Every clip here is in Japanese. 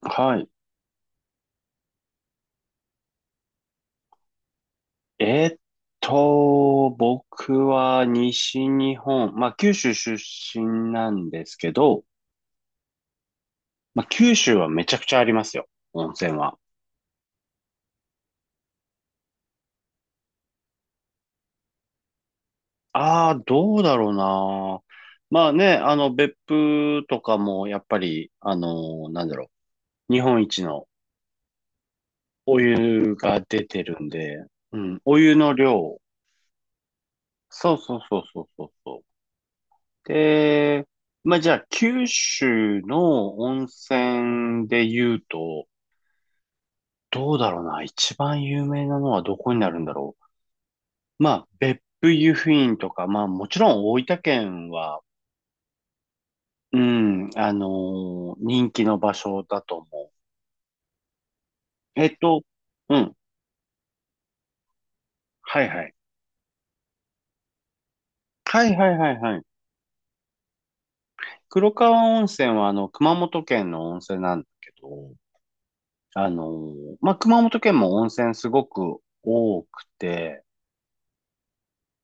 はい。えーっ僕は西日本、まあ九州出身なんですけど、まあ九州はめちゃくちゃありますよ、温泉は。ああ、どうだろうな。まあね、別府とかもやっぱり、日本一のお湯が出てるんで、うん、お湯の量。そうそうそうそうそうそう。で、まあじゃあ九州の温泉で言うと、どうだろうな。一番有名なのはどこになるんだろう。まあ、別府湯布院とか、まあ、もちろん大分県は、うん、人気の場所だと思う。うん。はいはい。はいはいはいはい。黒川温泉は、熊本県の温泉なんだけど、まあ、熊本県も温泉すごく多くて、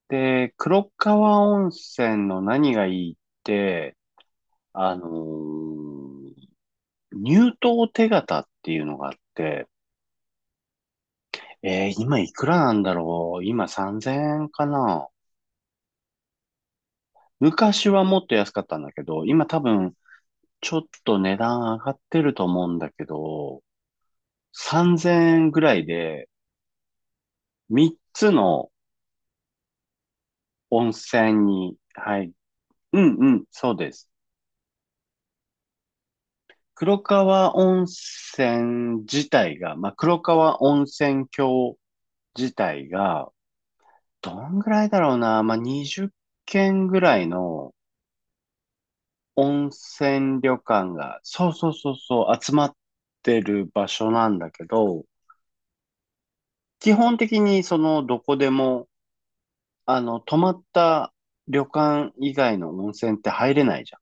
で、黒川温泉の何がいいって、あのー入党手形っていうのがあって、今いくらなんだろう。今3000円かな。昔はもっと安かったんだけど、今多分ちょっと値段上がってると思うんだけど、3000円ぐらいで3つの温泉に、はい、うんうん、そうです。黒川温泉自体が、まあ、黒川温泉郷自体が、どんぐらいだろうな、まあ、20件ぐらいの温泉旅館が、そうそうそうそう、集まってる場所なんだけど、基本的にそのどこでも、泊まった旅館以外の温泉って入れないじ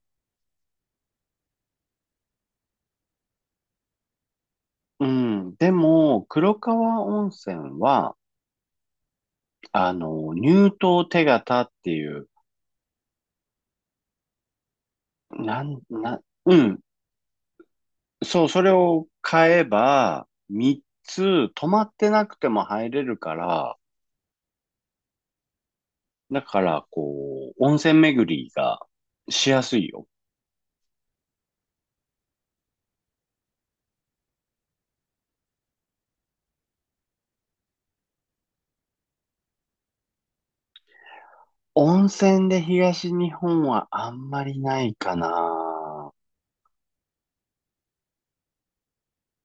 ゃん。うん。でも、黒川温泉は、入湯手形っていう、なん、な、うん。そう、それを買えば、3つ泊まってなくても入れるから、だから、こう、温泉巡りがしやすいよ。温泉で東日本はあんまりないかな。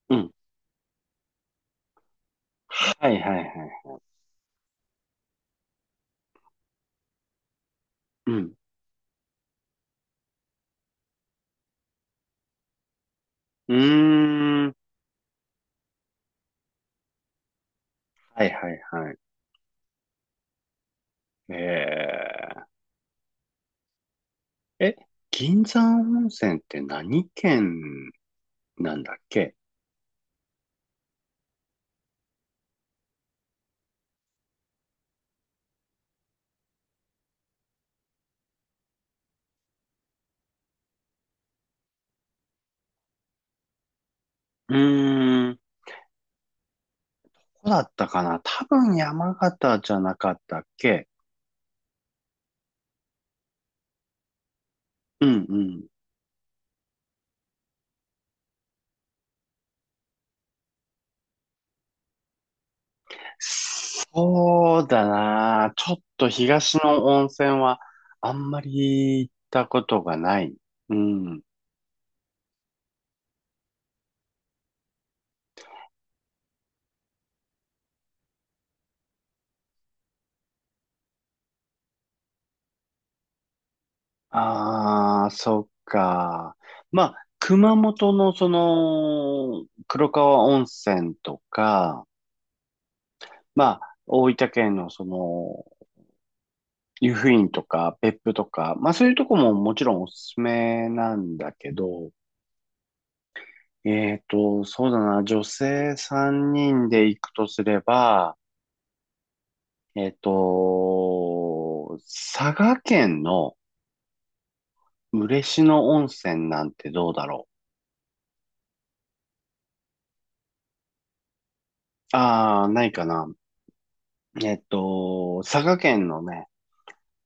うん。はいはいはい。うん。うーん。はいはいはい。えー、え、銀山温泉って何県なんだっけ？うーん。ここだったかな。多分山形じゃなかったっけ？うんうん。そうだな。ちょっと東の温泉はあんまり行ったことがない。うん。ああ、そっか。まあ、熊本のその黒川温泉とか、まあ、大分県のその湯布院とか別府とか、まあそういうとこももちろんおすすめなんだけど、そうだな。女性3人で行くとすれば、えっと、佐賀県の嬉野温泉なんてどうだろう。ああ、ないかな。佐賀県のね、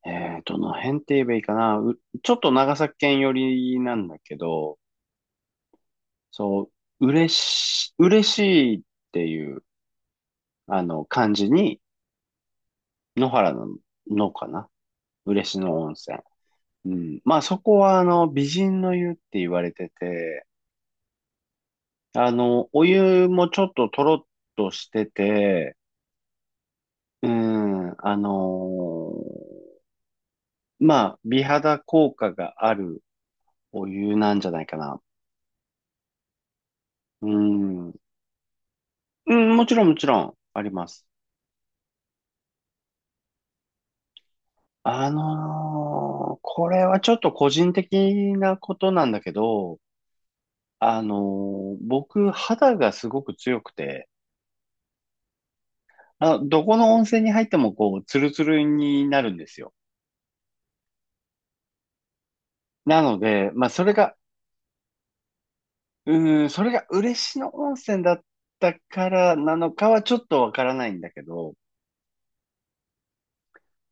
どの辺って言えばいいかな。ちょっと長崎県寄りなんだけど、そう、嬉しいっていう、漢字に、野原の、のかな。嬉野温泉。うん。まあ、そこは、美人の湯って言われてて、お湯もちょっととろっとしてて、うん、まあ、美肌効果があるお湯なんじゃないかな。うん、うん、もちろんもちろんあります。これはちょっと個人的なことなんだけど、僕、肌がすごく強くて、あ、どこの温泉に入ってもこう、ツルツルになるんですよ。なので、まあ、それが嬉野温泉だったからなのかはちょっとわからないんだけど、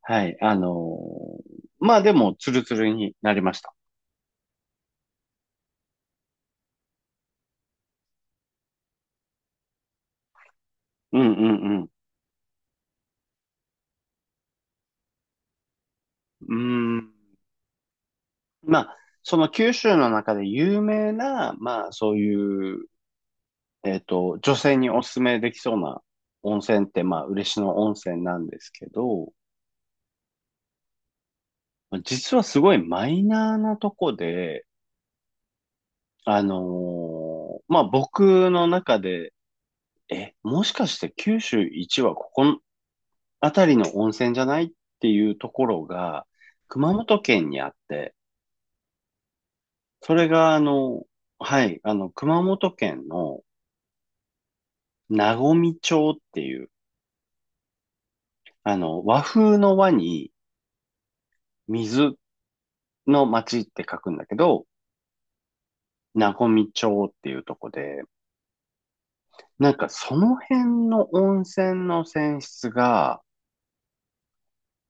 はい、ーまあでも、ツルツルになりました。うんうんうん。うーん。まあ、その九州の中で有名な、まあそういう、女性におすすめできそうな温泉って、まあ嬉野温泉なんですけど、まあ実はすごいマイナーなとこで、あのまあ僕の中で、もしかして九州一はここの辺りの温泉じゃないっていうところが、熊本県にあって、それが、はい、熊本県の和水町っていう、和風の和に水の町って書くんだけど、和水町っていうとこで、なんかその辺の温泉の泉質が、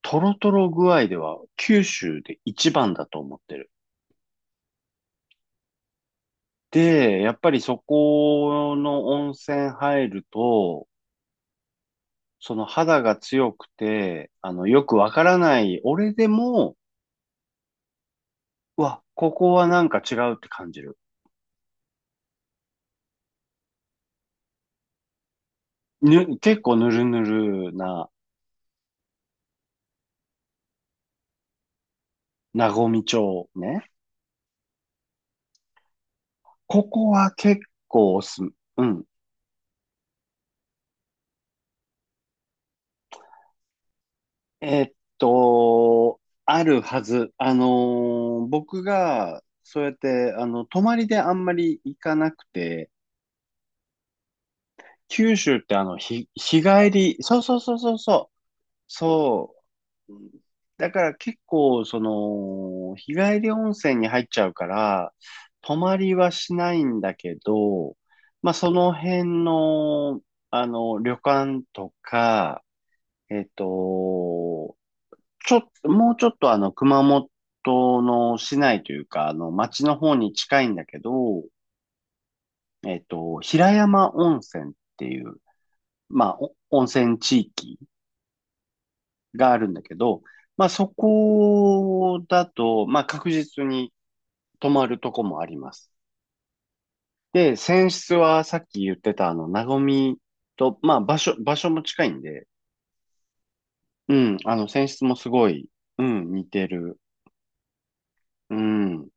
トロトロ具合では九州で一番だと思ってる。で、やっぱりそこの温泉入ると、その肌が強くて、よくわからない、俺でも、うわ、ここはなんか違うって感じる。結構ぬるぬるな、なごみ町ね。ここは結構おすすめ。うん。えーっと、あるはず。僕が、そうやって、泊まりであんまり行かなくて、九州って日帰り、そうそうそうそうそう、そう。だから結構、その、日帰り温泉に入っちゃうから、泊まりはしないんだけど、まあ、その辺の、旅館とか、えっと、ちょっと、もうちょっと熊本の市内というか、町の方に近いんだけど、平山温泉っていう、まあ、お温泉地域があるんだけど、まあそこだと、まあ確実に泊まるとこもあります。で、泉質はさっき言ってたなごみと、まあ場所も近いんで、うん、泉質もすごい、うん、似てる。うん。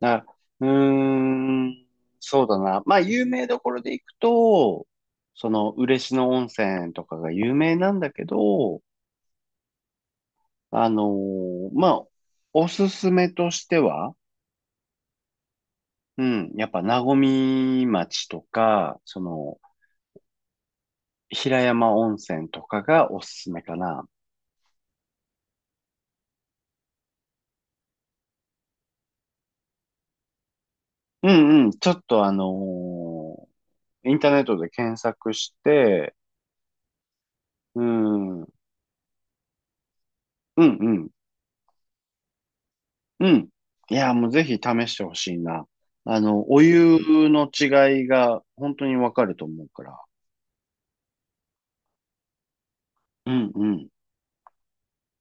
だ、うーん、そうだな。まあ有名どころで行くと、その、嬉野温泉とかが有名なんだけど、まあ、おすすめとしては、うん。やっぱ、和み町とか、その、平山温泉とかがおすすめかな。うんうん。ちょっとーインターネットで検索して、うん、うんうん、うん。いや、もうぜひ試してほしいな。お湯の違いが本当にわかると思うから。うんうん。